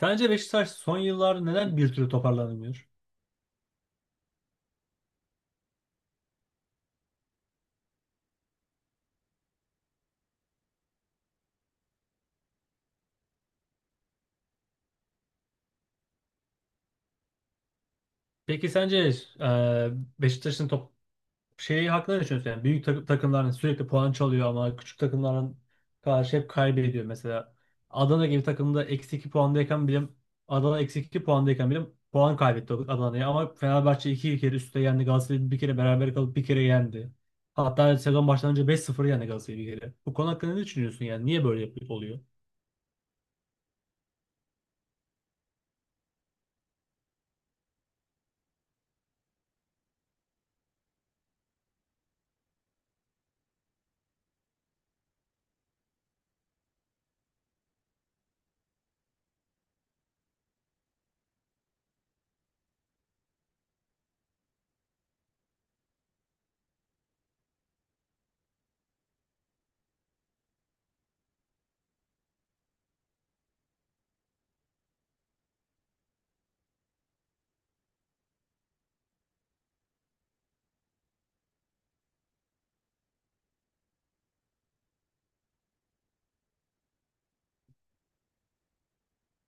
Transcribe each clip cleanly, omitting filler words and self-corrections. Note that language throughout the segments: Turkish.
Sence Beşiktaş son yıllarda neden bir türlü toparlanamıyor? Peki sence e, Beşiktaş'ın şeyi hakkında ne düşünüyorsun? Yani büyük takımların sürekli puan çalıyor ama küçük takımların karşı hep kaybediyor. Mesela Adana gibi takımda eksi 2 puandayken bile, Adana eksi 2 puandayken bile puan kaybetti Adana'ya, ama Fenerbahçe iki kere üstte yendi. Galatasaray'ı bir kere beraber kalıp bir kere yendi. Hatta sezon başlanınca 5-0 yendi Galatasaray'ı bir kere. Bu konu hakkında ne düşünüyorsun yani? Niye böyle oluyor?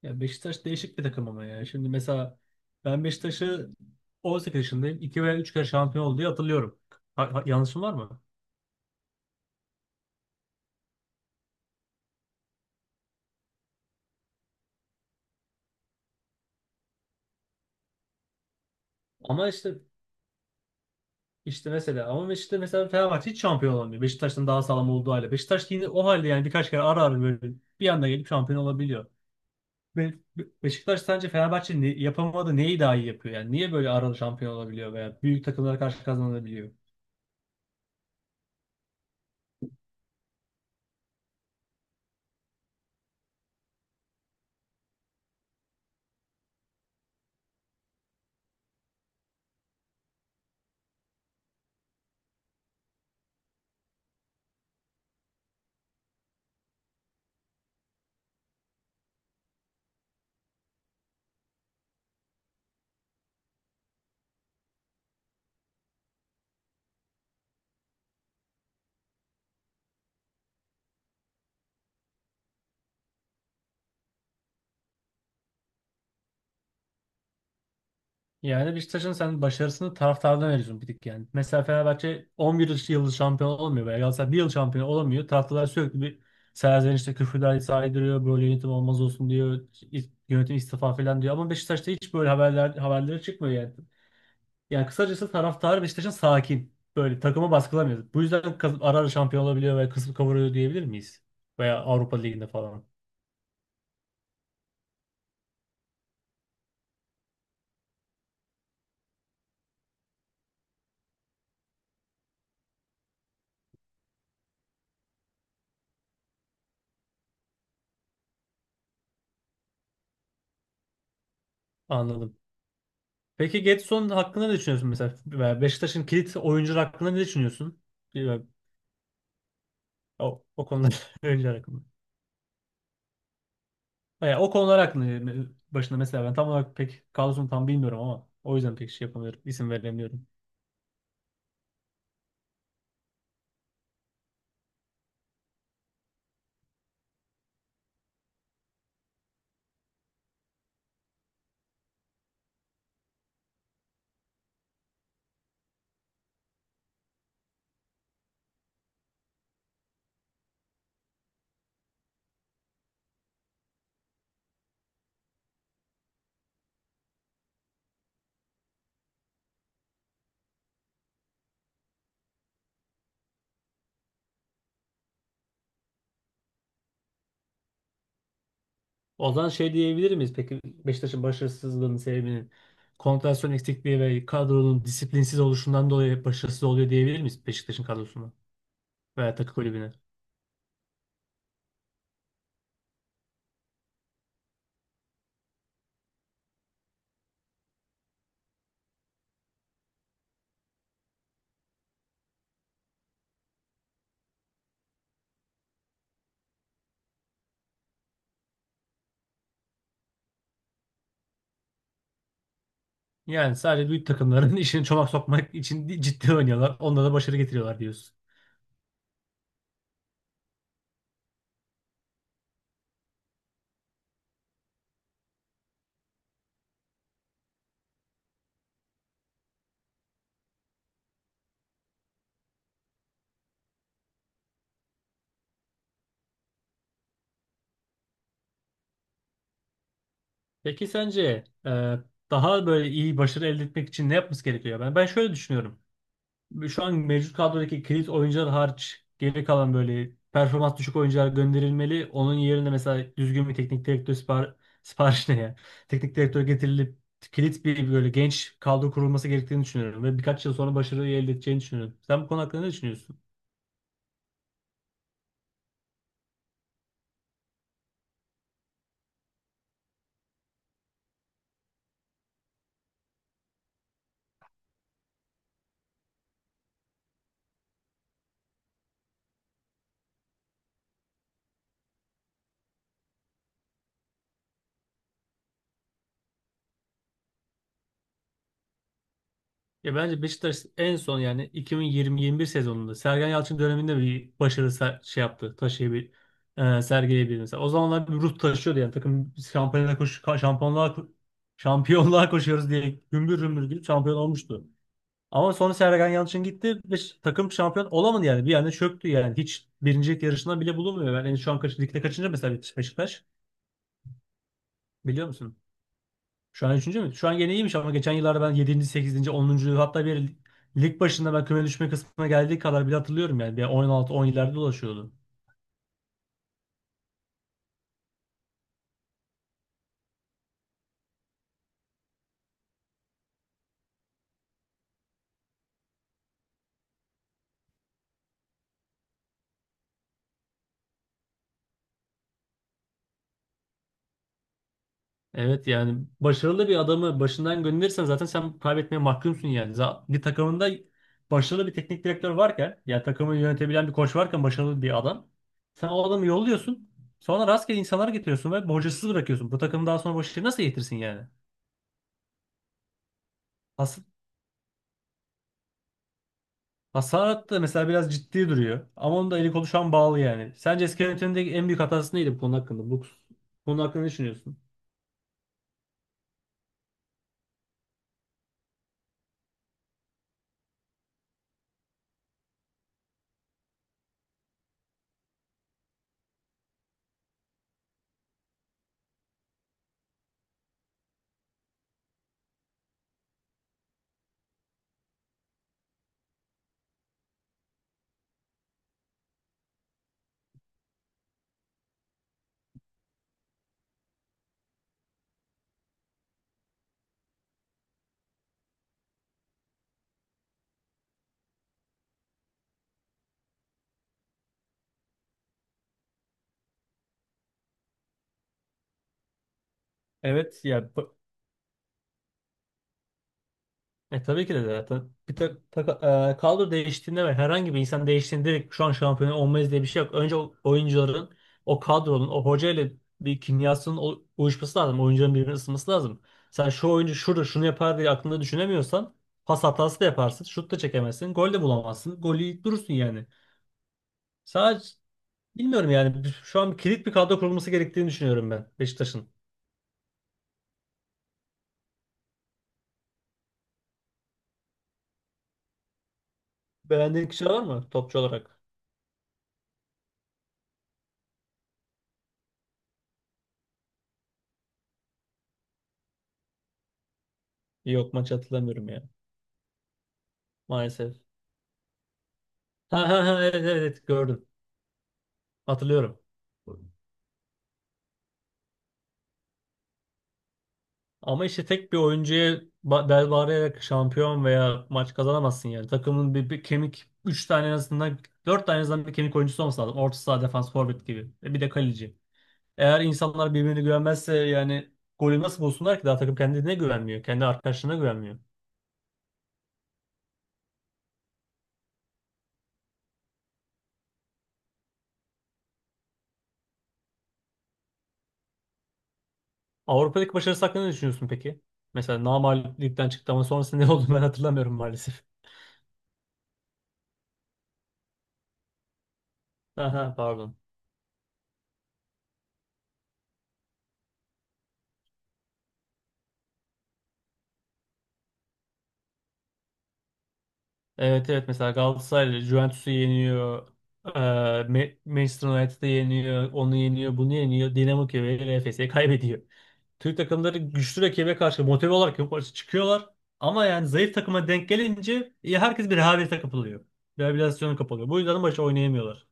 Ya Beşiktaş değişik bir takım ama ya. Şimdi mesela ben Beşiktaş'ı 18 yaşındayım. İki veya 3 kere şampiyon oldu diye hatırlıyorum. Yanlışım var mı? Ama işte mesela Fenerbahçe hiç şampiyon olamıyor. Beşiktaş'tan daha sağlam olduğu halde. Beşiktaş yine o halde yani birkaç kere ara ara böyle bir anda gelip şampiyon olabiliyor. Beşiktaş sence Fenerbahçe ne yapamadı, neyi daha iyi yapıyor? Yani niye böyle ara ara şampiyon olabiliyor veya büyük takımlara karşı kazanabiliyor? Yani Beşiktaş'ın sen başarısını taraftardan veriyorsun bir tık yani. Mesela Fenerbahçe 11 yıl şampiyon olamıyor veya Galatasaray bir yıl şampiyon olamıyor. Taraftarlar sürekli bir serzenişte küfürler saydırıyor. Böyle yönetim olmaz olsun diyor. Yönetim istifa falan diyor. Ama Beşiktaş'ta hiç böyle haberleri çıkmıyor yani. Yani kısacası taraftarı Beşiktaş'ın sakin. Böyle takımı baskılamıyor. Bu yüzden ara ara şampiyon olabiliyor veya kısıp kavuruyor diyebilir miyiz? Veya Avrupa Ligi'nde falan. Anladım. Peki Gedson hakkında ne düşünüyorsun mesela? Veya Beşiktaş'ın kilit oyuncular hakkında ne düşünüyorsun? O konular öğrenciler hakkında. Yani o konular hakkında yani başında mesela ben tam olarak pek kadrosunu tam bilmiyorum ama o yüzden pek şey yapamıyorum. İsim veremiyorum. O zaman şey diyebilir miyiz? Peki Beşiktaş'ın başarısızlığının sebebinin konsantrasyon eksikliği ve kadronun disiplinsiz oluşundan dolayı başarısız oluyor diyebilir miyiz Beşiktaş'ın kadrosuna veya takım kulübüne? Yani sadece büyük takımların işini çomak sokmak için ciddi oynuyorlar. Onlara da başarı getiriyorlar diyorsun. Peki sence daha böyle iyi başarı elde etmek için ne yapması gerekiyor? Ben şöyle düşünüyorum. Şu an mevcut kadrodaki kilit oyuncular hariç geri kalan böyle performans düşük oyuncular gönderilmeli. Onun yerine mesela düzgün bir teknik direktör sipariş ne ya? Teknik direktör getirilip kilit bir böyle genç kadro kurulması gerektiğini düşünüyorum ve birkaç yıl sonra başarıyı elde edeceğini düşünüyorum. Sen bu konu hakkında ne düşünüyorsun? Ya bence Beşiktaş en son yani 2020-21 sezonunda Sergen Yalçın döneminde bir başarı şey yaptı. Sergileyebildi mesela. O zamanlar bir ruh taşıyordu yani takım biz şampiyonluğa koşuyoruz diye gümbür gümbür gidip şampiyon olmuştu. Ama sonra Sergen Yalçın gitti ve takım şampiyon olamadı yani. Bir yani çöktü yani. Hiç birincilik yarışına bile bulunmuyor. Yani şu an ligde kaçıncı mesela Beşiktaş? Biliyor musun? Şu an üçüncü mü? Şu an gene iyiymiş ama geçen yıllarda ben yedinci, sekizinci, 10., hatta bir lig başında ben küme düşme kısmına geldiği kadar bile hatırlıyorum yani. Bir 16, on 17'lerde dolaşıyordu. Evet yani başarılı bir adamı başından gönderirsen zaten sen kaybetmeye mahkumsun yani. Bir takımında başarılı bir teknik direktör varken yani takımı yönetebilen bir koç varken başarılı bir adam. Sen o adamı yolluyorsun. Sonra rastgele insanlar getiriyorsun ve borcasız bırakıyorsun. Bu takım daha sonra başarı nasıl getirsin yani? Asıl Hasat da mesela biraz ciddi duruyor. Ama onun da eli kolu şu an bağlı yani. Sence eski yönetimdeki en büyük hatası neydi bu konu hakkında? Bu konu hakkında ne düşünüyorsun? Evet ya tabii ki de zaten bir kadro değiştiğinde ve herhangi bir insan değiştiğinde direkt şu an şampiyon olmayız diye bir şey yok. Önce o oyuncuların o kadronun o hoca ile bir kimyasının uyuşması lazım. Oyuncuların birbirini ısınması lazım. Sen şu oyuncu şurada şunu yapar diye aklında düşünemiyorsan pas hatası da yaparsın. Şut da çekemezsin. Gol de bulamazsın. Golü yiyip durursun yani. Sadece Bilmiyorum yani. Şu an kilit bir kadro kurulması gerektiğini düşünüyorum ben Beşiktaş'ın. Beğendiğin kişi var mı topçu olarak? Yok, maç hatırlamıyorum ya maalesef. Ha ha ha, evet evet evet, gördüm. Hatırlıyorum. Ama işte tek bir oyuncuya bel bağlayarak şampiyon veya maç kazanamazsın yani. Takımın bir kemik 3 tane en azından, 4 tane en azından bir kemik oyuncusu olması lazım. Orta saha, defans, forvet gibi. E bir de kaleci. Eğer insanlar birbirine güvenmezse yani golü nasıl bulsunlar ki? Daha takım kendine güvenmiyor. Kendi arkadaşlarına güvenmiyor. Avrupa'daki başarısı hakkında ne düşünüyorsun peki? Mesela namağlup ligden çıktı ama sonrasında ne oldu ben hatırlamıyorum maalesef. Aha, pardon. Evet evet, mesela Galatasaray Juventus'u yeniyor. Manchester United'ı yeniyor. Onu yeniyor. Bunu yeniyor. Dinamo Kiev'e ile Efes'e kaybediyor. Türk takımları güçlü rakibe karşı motive olarak yukarı çıkıyorlar. Ama yani zayıf takıma denk gelince herkes bir rehavete kapılıyor. Rehabilitasyona kapılıyor. Bu yüzden maçı oynayamıyorlar.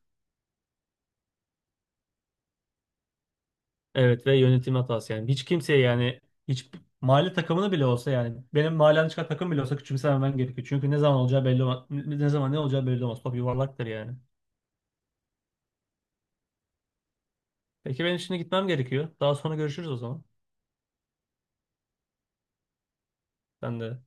Evet ve yönetim hatası yani. Hiç kimseye yani hiç mahalle takımını bile olsa yani benim mahallemden çıkan takım bile olsa küçümsememen gerekiyor. Çünkü ne zaman olacağı belli olmaz. Ne zaman ne olacağı belli olmaz. Top yuvarlaktır yani. Peki ben şimdi gitmem gerekiyor. Daha sonra görüşürüz o zaman. Ben de